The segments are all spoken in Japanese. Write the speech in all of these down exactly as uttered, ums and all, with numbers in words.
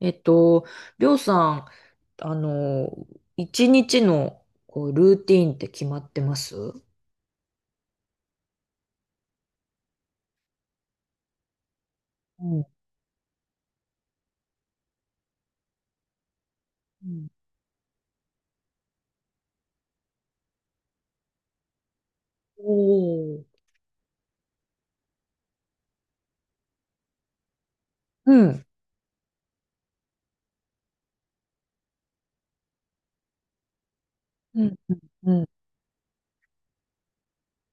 えっと、りょうさん、あの、一日のこうルーティーンって決まってます？うん。うん。おー。うん。うん。うん。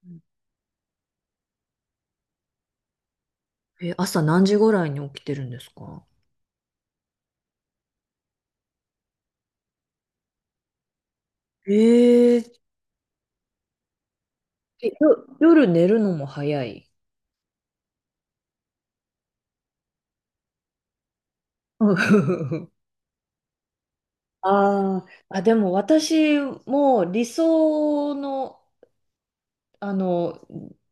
うん。え、朝何時ぐらいに起きてるんですか？ええ。え、よ、夜寝るのも早い？あーあ、でも私も理想の、あの、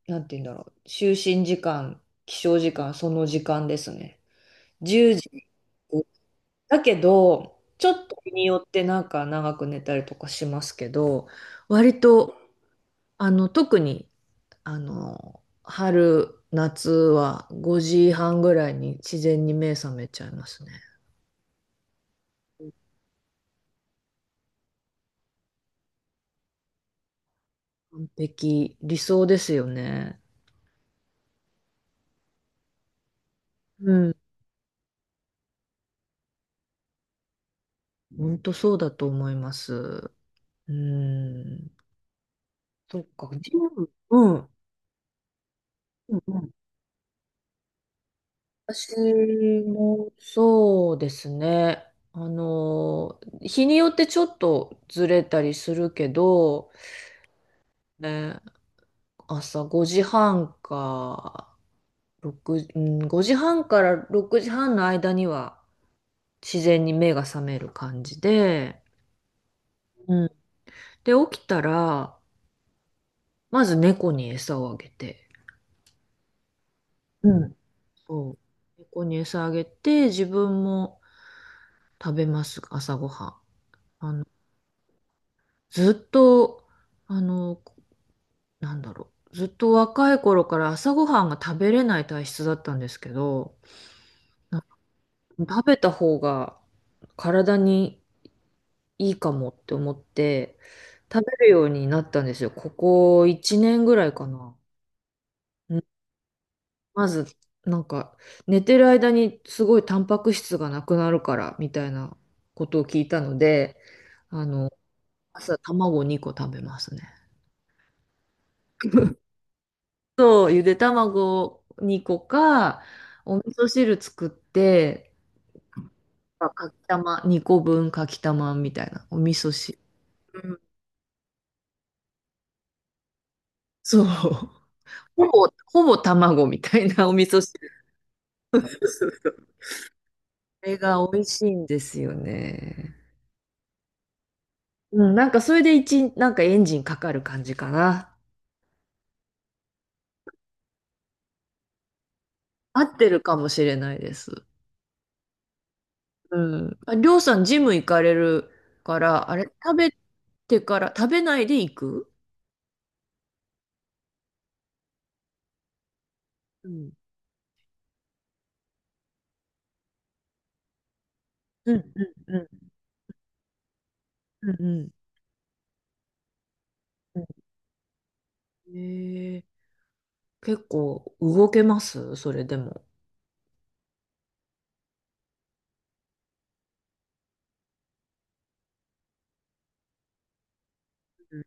なんて言うんだろう、就寝時間、起床時間、その時間ですね。いちじだけど、ちょっと日によってなんか長く寝たりとかしますけど、割と、あの、特に、あの、春、夏はごじはんぐらいに自然に目覚めちゃいますね。完璧、理想ですよね。うん。本当そうだと思います。うん。そっか、ジム、うん。うん。うん。私もそうですね。あの、日によってちょっとずれたりするけど、ね、朝ごじはんか、ろく、うん、ごじはんからろくじはんの間には自然に目が覚める感じで、うん、で、起きたら、まず猫に餌をあげて、うん。そう、猫に餌あげて、自分も食べます、朝ごはん。あの、ずっと、あの、なんだろう。ずっと若い頃から朝ごはんが食べれない体質だったんですけど、な食べた方が体にいいかもって思って、食べるようになったんですよ。ここいちねんぐらいかな。うん。まず、なんか、寝てる間にすごいタンパク質がなくなるから、みたいなことを聞いたので、あの、朝卵にこ食べますね。そう、ゆで卵にこか、お味噌汁作って、あかきたま、にこぶんかきたまみたいな、お味噌汁。うん。そう。ほぼ、ほぼ卵みたいな お味噌汁。これが美味しいんですよね。うん、なんかそれで一、なんかエンジンかかる感じかな。合ってるかもしれないです。うん。あ、りょうさん、ジム行かれるから、あれ、食べてから、食べないで行く？うん。うん、うん、うん。うん。えー、結構動けますそれでも。うん。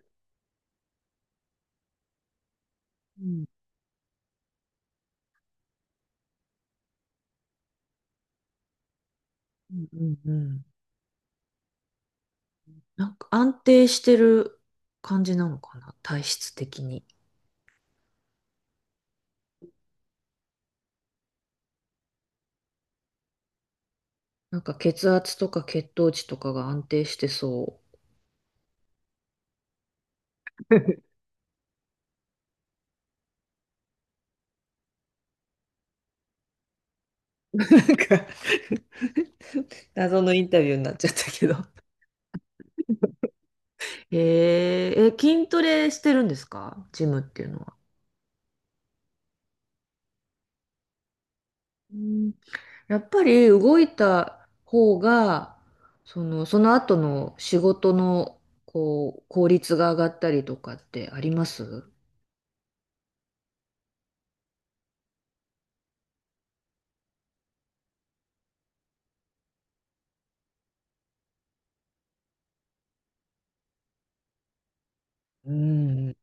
うん。うん。うん。なんか安定してる感じなのかな、体質的に。なんか血圧とか血糖値とかが安定してそう。なんか謎のインタビューになっちゃったけど。へええ、筋トレしてるんですか、ジムっていうのは。やっぱり動いた方が、その、その後の仕事の、こう、効率が上がったりとかってあります？うん。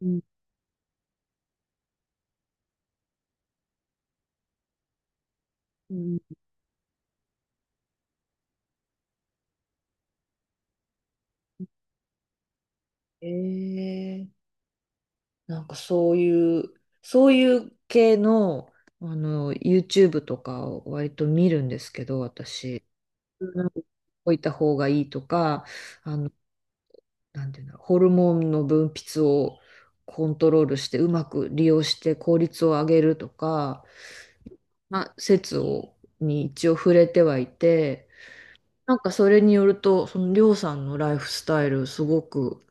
うん。うん。えー、なんかそういう、そういう系の、あの、YouTube とかを割と見るんですけど、私。うん、置いた方がいいとか、あのなんていうんだろう、ホルモンの分泌をコントロールしてうまく利用して効率を上げるとか、まあ、説をに一応触れてはいて、なんかそれによると、そのりょうさんのライフスタイル、すごく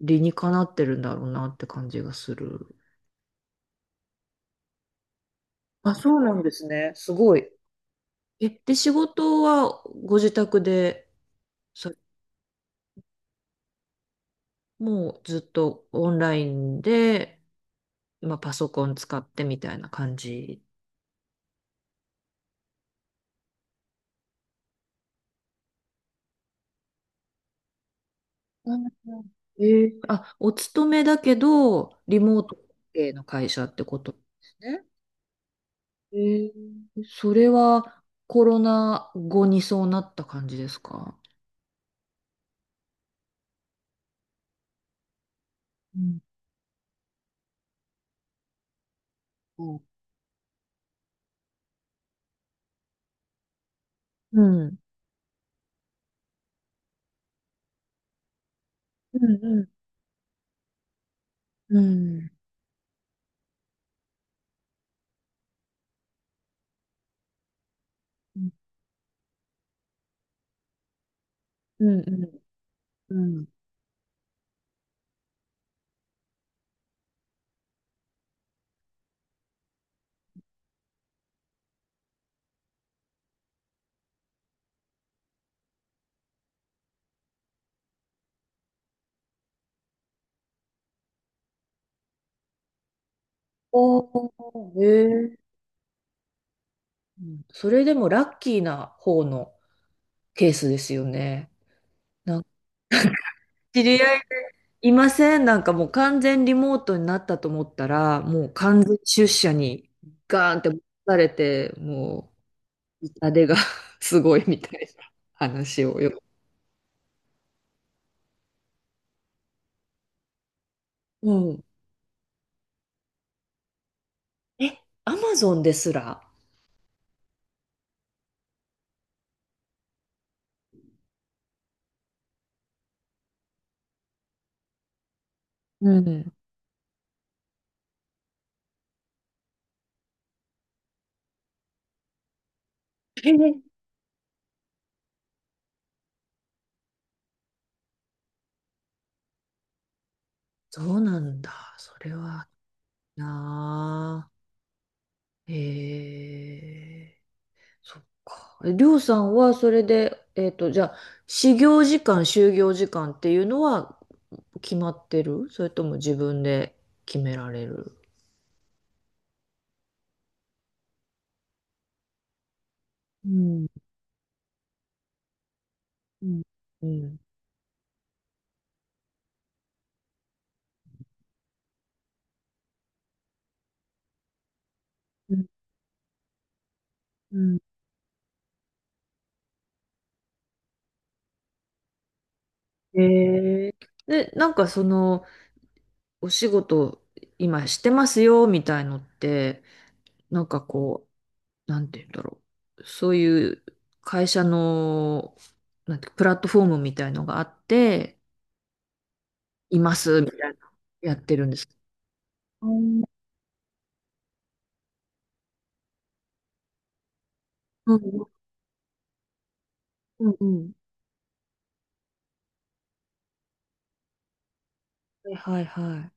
理にかなってるんだろうなって感じがする。あ、そうなんですね。すごい。え、で、仕事はご自宅で、そもうずっとオンラインで、まあ、パソコン使ってみたいな感じ？うん。えー、あ、お勤めだけど、リモート系の会社ってことですね。えー、それはコロナ後にそうなった感じですか？うん。うん。うん。うん。うん。うん。うん。うん。おー、えー。うん、それでもラッキーな方のケースですよね。なんか知り合いいません。なんかもう完全リモートになったと思ったら、もう完全出社にガーンって持たれて、もう痛手が すごいみたいな話をよ。うん。え、アマゾンですら。うん。えーそうなんだ。それはなあ。へえー、そっか。えりょうさんはそれで、えっと、じゃあ、始業時間、就業時間っていうのは決まってる？それとも自分で決められる？うん、うん、うん。うん、うん。へえ。で、なんかその、お仕事今してますよ、みたいのって、なんかこう、なんて言うんだろう。そういう会社の、なんて、プラットフォームみたいのがあって、います、みたいな、やってるんです？あー。うん、うん、うん。うん、はいはいは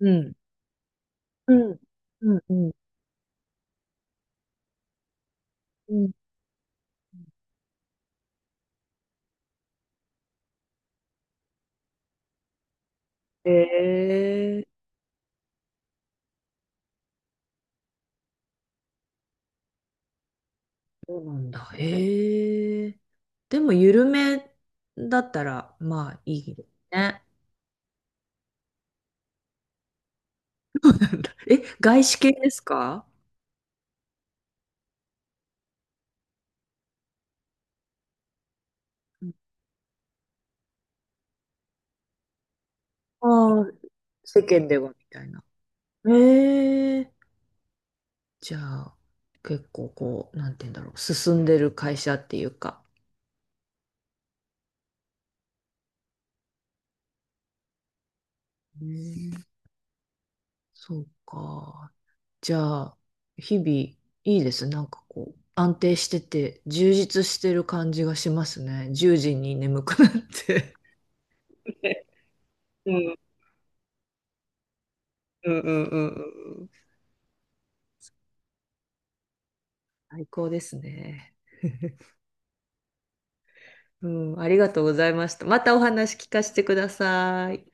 い。うん、うん、うん、うん。ええ、そうなんだ。ええ。でも、緩めだったら、まあ、いいね。え、外資系ですか？ああ、世間ではみたいな。ええ。じゃあ、結構こう、なんて言うんだろう。進んでる会社っていうか。うん。そうか。じゃあ、日々いいです？なんかこう、安定してて、充実してる感じがしますね。じゅうじに眠くなって。うん、うん、うん、うん。うん。最高ですね。うん、ありがとうございました。またお話聞かせてください。